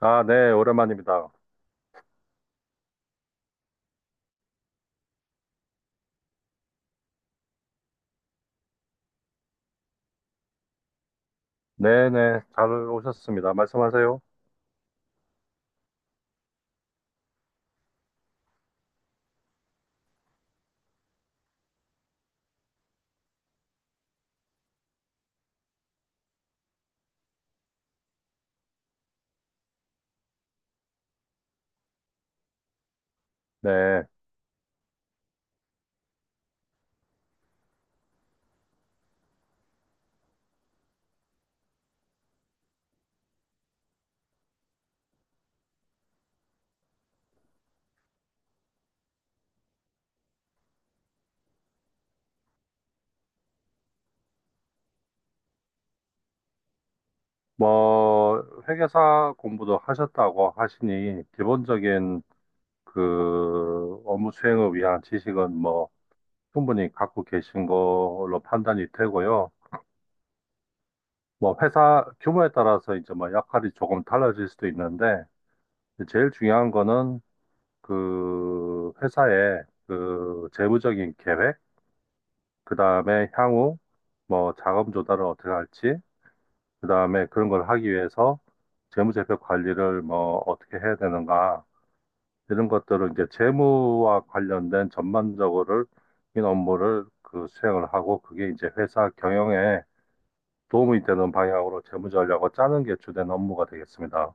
아, 네, 오랜만입니다. 네네, 잘 오셨습니다. 말씀하세요. 네, 뭐, 회계사 공부도 하셨다고 하시니, 기본적인 그 업무 수행을 위한 지식은 뭐, 충분히 갖고 계신 걸로 판단이 되고요. 뭐, 회사 규모에 따라서 이제 뭐, 역할이 조금 달라질 수도 있는데, 제일 중요한 거는 그 회사의 그 재무적인 계획, 그 다음에 향후, 뭐 자금 조달을 어떻게 할지 그 다음에 그런 걸 하기 위해서 재무제표 관리를 뭐 어떻게 해야 되는가 이런 것들을 이제 재무와 관련된 전반적으로 인 업무를 그 수행을 하고 그게 이제 회사 경영에 도움이 되는 방향으로 재무 전략을 짜는 게 주된 업무가 되겠습니다.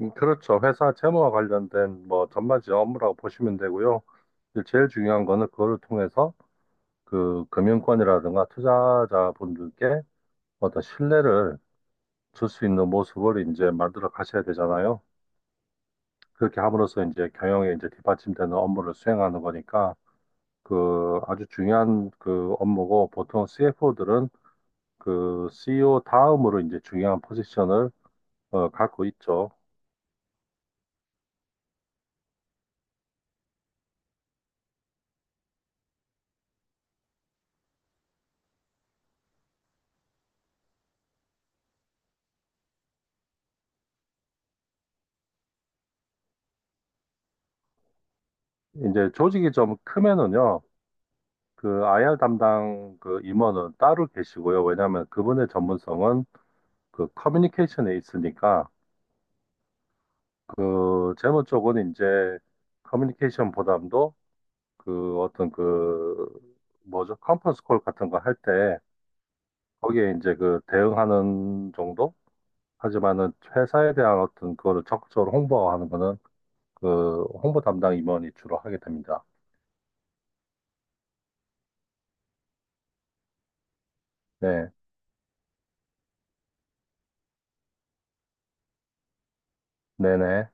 그렇죠. 회사 재무와 관련된 뭐 전반적인 업무라고 보시면 되고요. 이제 제일 중요한 거는 그거를 통해서 그 금융권이라든가 투자자분들께 어떤 신뢰를 줄 수 있는 모습을 이제 만들어 가셔야 되잖아요. 그렇게 함으로써 이제 경영에 이제 뒷받침되는 업무를 수행하는 거니까 그 아주 중요한 그 업무고 보통 CFO들은 그 CEO 다음으로 이제 중요한 포지션을 갖고 있죠. 이제 조직이 좀 크면은요. 그 IR 담당 그 임원은 따로 계시고요. 왜냐하면 그분의 전문성은 그 커뮤니케이션에 있으니까 그 재무 쪽은 이제 커뮤니케이션 보담도 그 어떤 그 뭐죠? 컨퍼런스 콜 같은 거 할 때 거기에 이제 그 대응하는 정도? 하지만은 회사에 대한 어떤 그거를 적극적으로 홍보하는 거는 그 홍보 담당 임원이 주로 하게 됩니다. 네, 네네.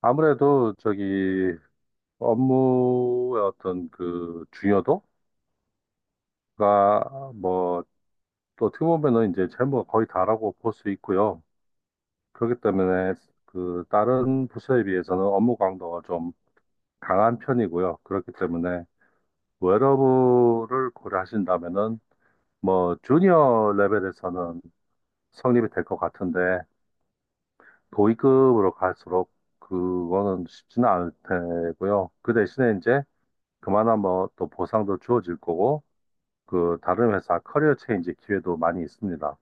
아무래도 저기 업무의 어떤 그 중요도가 뭐 또 어떻게 보면은 이제 재무가 거의 다라고 볼 수 있고요. 그렇기 때문에 그 다른 부서에 비해서는 업무 강도가 좀 강한 편이고요. 그렇기 때문에 웨러블을 고려하신다면은 뭐 주니어 레벨에서는 성립이 될 것 같은데 고위급으로 갈수록 그거는 쉽지는 않을 테고요. 그 대신에 이제 그만한 뭐 또 보상도 주어질 거고 그 다른 회사 커리어 체인지 기회도 많이 있습니다.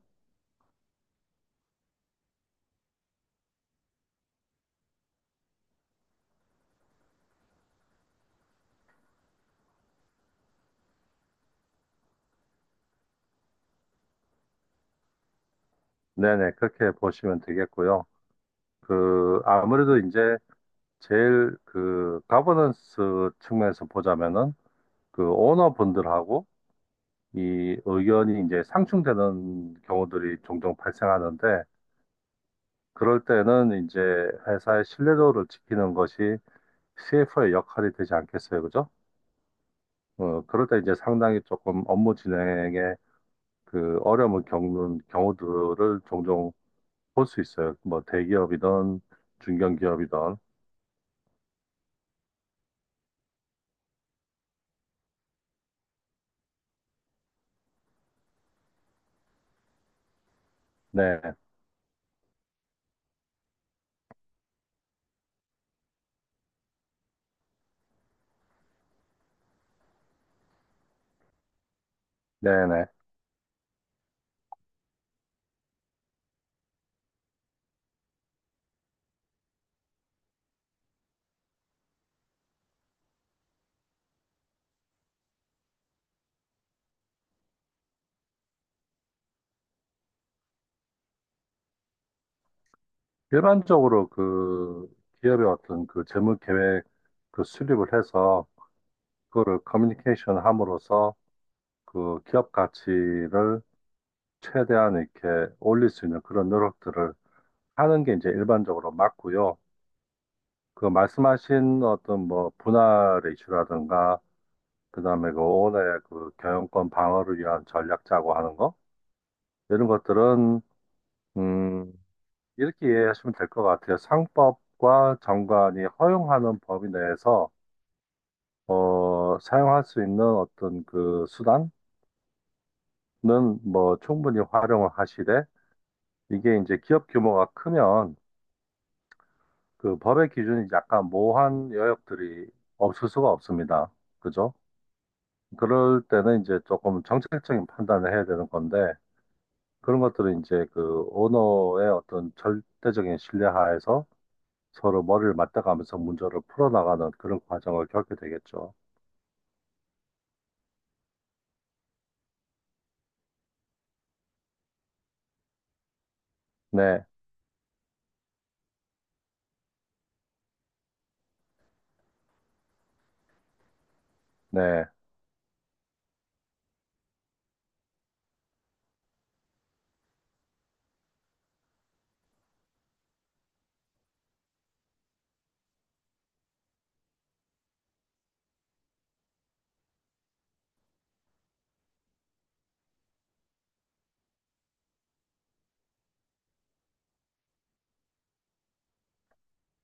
네네 그렇게 보시면 되겠고요. 그 아무래도 이제 제일 그 가버넌스 측면에서 보자면은 그 오너분들하고 이 의견이 이제 상충되는 경우들이 종종 발생하는데 그럴 때는 이제 회사의 신뢰도를 지키는 것이 CFO의 역할이 되지 않겠어요, 그죠? 그럴 때 이제 상당히 조금 업무 진행에 그 어려움을 겪는 경우들을 종종 볼 수 있어요. 뭐 대기업이든 중견기업이든. 네, 네, 네. 일반적으로 그 기업의 어떤 그 재무 계획 그 수립을 해서 그거를 커뮤니케이션 함으로써 그 기업 가치를 최대한 이렇게 올릴 수 있는 그런 노력들을 하는 게 이제 일반적으로 맞고요. 그 말씀하신 어떤 뭐 분할의 이슈라든가 그다음에 그 오온의 그 경영권 방어를 위한 전략 짜고 하는 거 이런 것들은 음 이렇게 이해하시면 될 것 같아요. 상법과 정관이 허용하는 범위 내에서 사용할 수 있는 어떤 그 수단은 뭐 충분히 활용을 하시되 이게 이제 기업 규모가 크면 그 법의 기준이 약간 모호한 여역들이 없을 수가 없습니다. 그죠? 그럴 때는 이제 조금 정책적인 판단을 해야 되는 건데, 그런 것들은 이제 그 오너의 어떤 절대적인 신뢰하에서 서로 머리를 맞대가면서 문제를 풀어나가는 그런 과정을 겪게 되겠죠. 네, 네.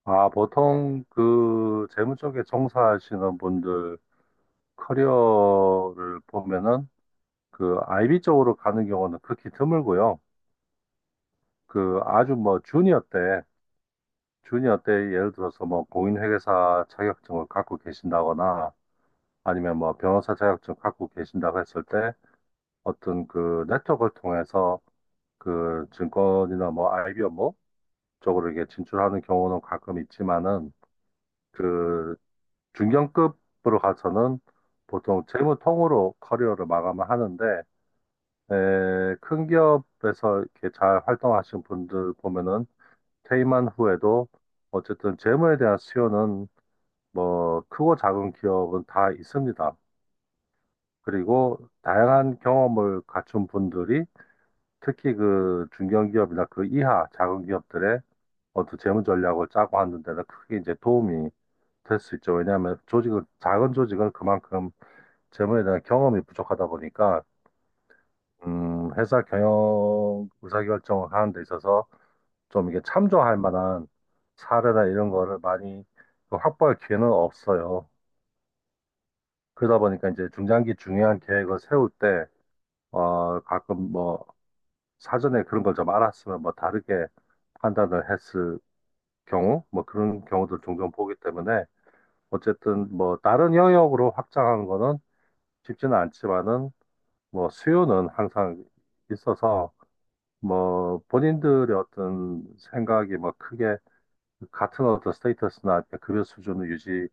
아, 보통 그 재무 쪽에 종사하시는 분들 커리어를 보면은 그 IB 쪽으로 가는 경우는 극히 드물고요. 그 아주 뭐 주니어 때 준이 어때? 예를 들어서 뭐 공인회계사 자격증을 갖고 계신다거나 아니면 뭐 변호사 자격증 갖고 계신다고 했을 때 어떤 그 네트워크를 통해서 그 증권이나 뭐 IB 업무 쪽으로 이게 진출하는 경우는 가끔 있지만은 그 중견급으로 가서는 보통 재무통으로 커리어를 마감을 하는데 에, 큰 기업에서 이렇게 잘 활동하신 분들 보면은 퇴임한 후에도 어쨌든 재무에 대한 수요는 뭐 크고 작은 기업은 다 있습니다. 그리고 다양한 경험을 갖춘 분들이 특히 그 중견기업이나 그 이하 작은 기업들의 어떤 재무 전략을 짜고 하는 데는 크게 이제 도움이 될 수 있죠. 왜냐하면 조직은 작은 조직은 그만큼 재무에 대한 경험이 부족하다 보니까 회사 경영 의사결정을 하는 데 있어서 좀 이게 참조할 만한 사례나 이런 거를 많이 그 확보할 기회는 없어요. 그러다 보니까 이제 중장기 중요한 계획을 세울 때, 가끔 뭐, 사전에 그런 걸 좀 알았으면 뭐 다르게 판단을 했을 경우, 뭐 그런 경우도 종종 보기 때문에, 어쨌든 뭐 다른 영역으로 확장하는 거는 쉽지는 않지만은, 뭐 수요는 항상 있어서, 뭐 본인들의 어떤 생각이 뭐 크게 같은 어떤 스테이터스나 급여 수준을 유지해야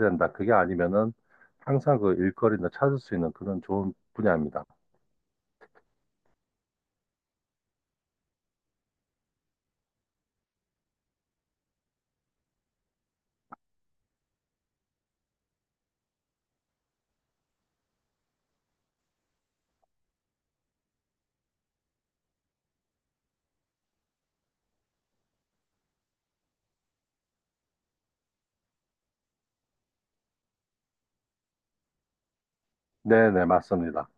된다. 그게 아니면은 항상 그 일거리는 찾을 수 있는 그런 좋은 분야입니다. 네네, 맞습니다.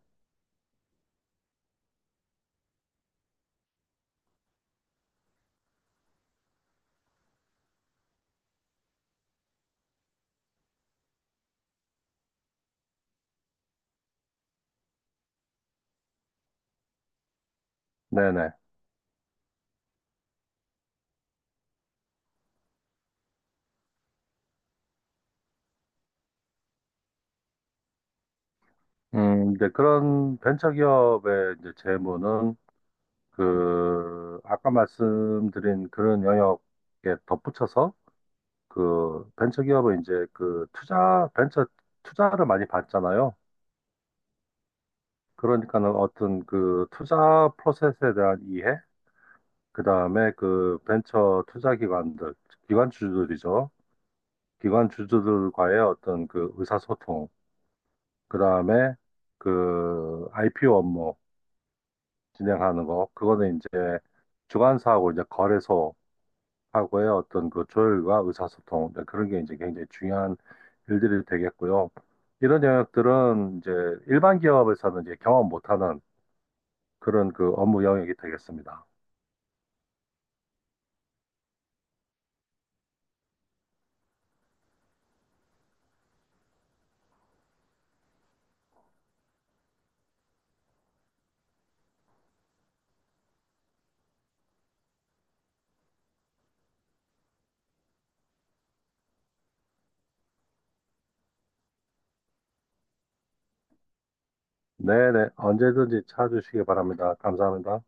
네네. 이제 그런 벤처기업의 이제 재무는 그, 아까 말씀드린 그런 영역에 덧붙여서 그 벤처기업은 이제 그 투자, 벤처 투자를 많이 받잖아요. 그러니까는 어떤 그 투자 프로세스에 대한 이해, 그 다음에 그 벤처 투자 기관들, 기관 주주들이죠. 기관 주주들과의 어떤 그 의사소통, 그 다음에 그 IPO 업무, 진행하는 거 그거는 이제 주관사하고 이제 거래소하고의 어떤 그 조율과 의사소통 네, 그런 게 이제 굉장히 중요한 일들이 되겠고요. 이런 영역들은 이제 일반 기업에서는 이제 경험 못하는 그런 그 업무 영역이 되겠습니다. 네네 언제든지 찾아주시기 바랍니다. 감사합니다.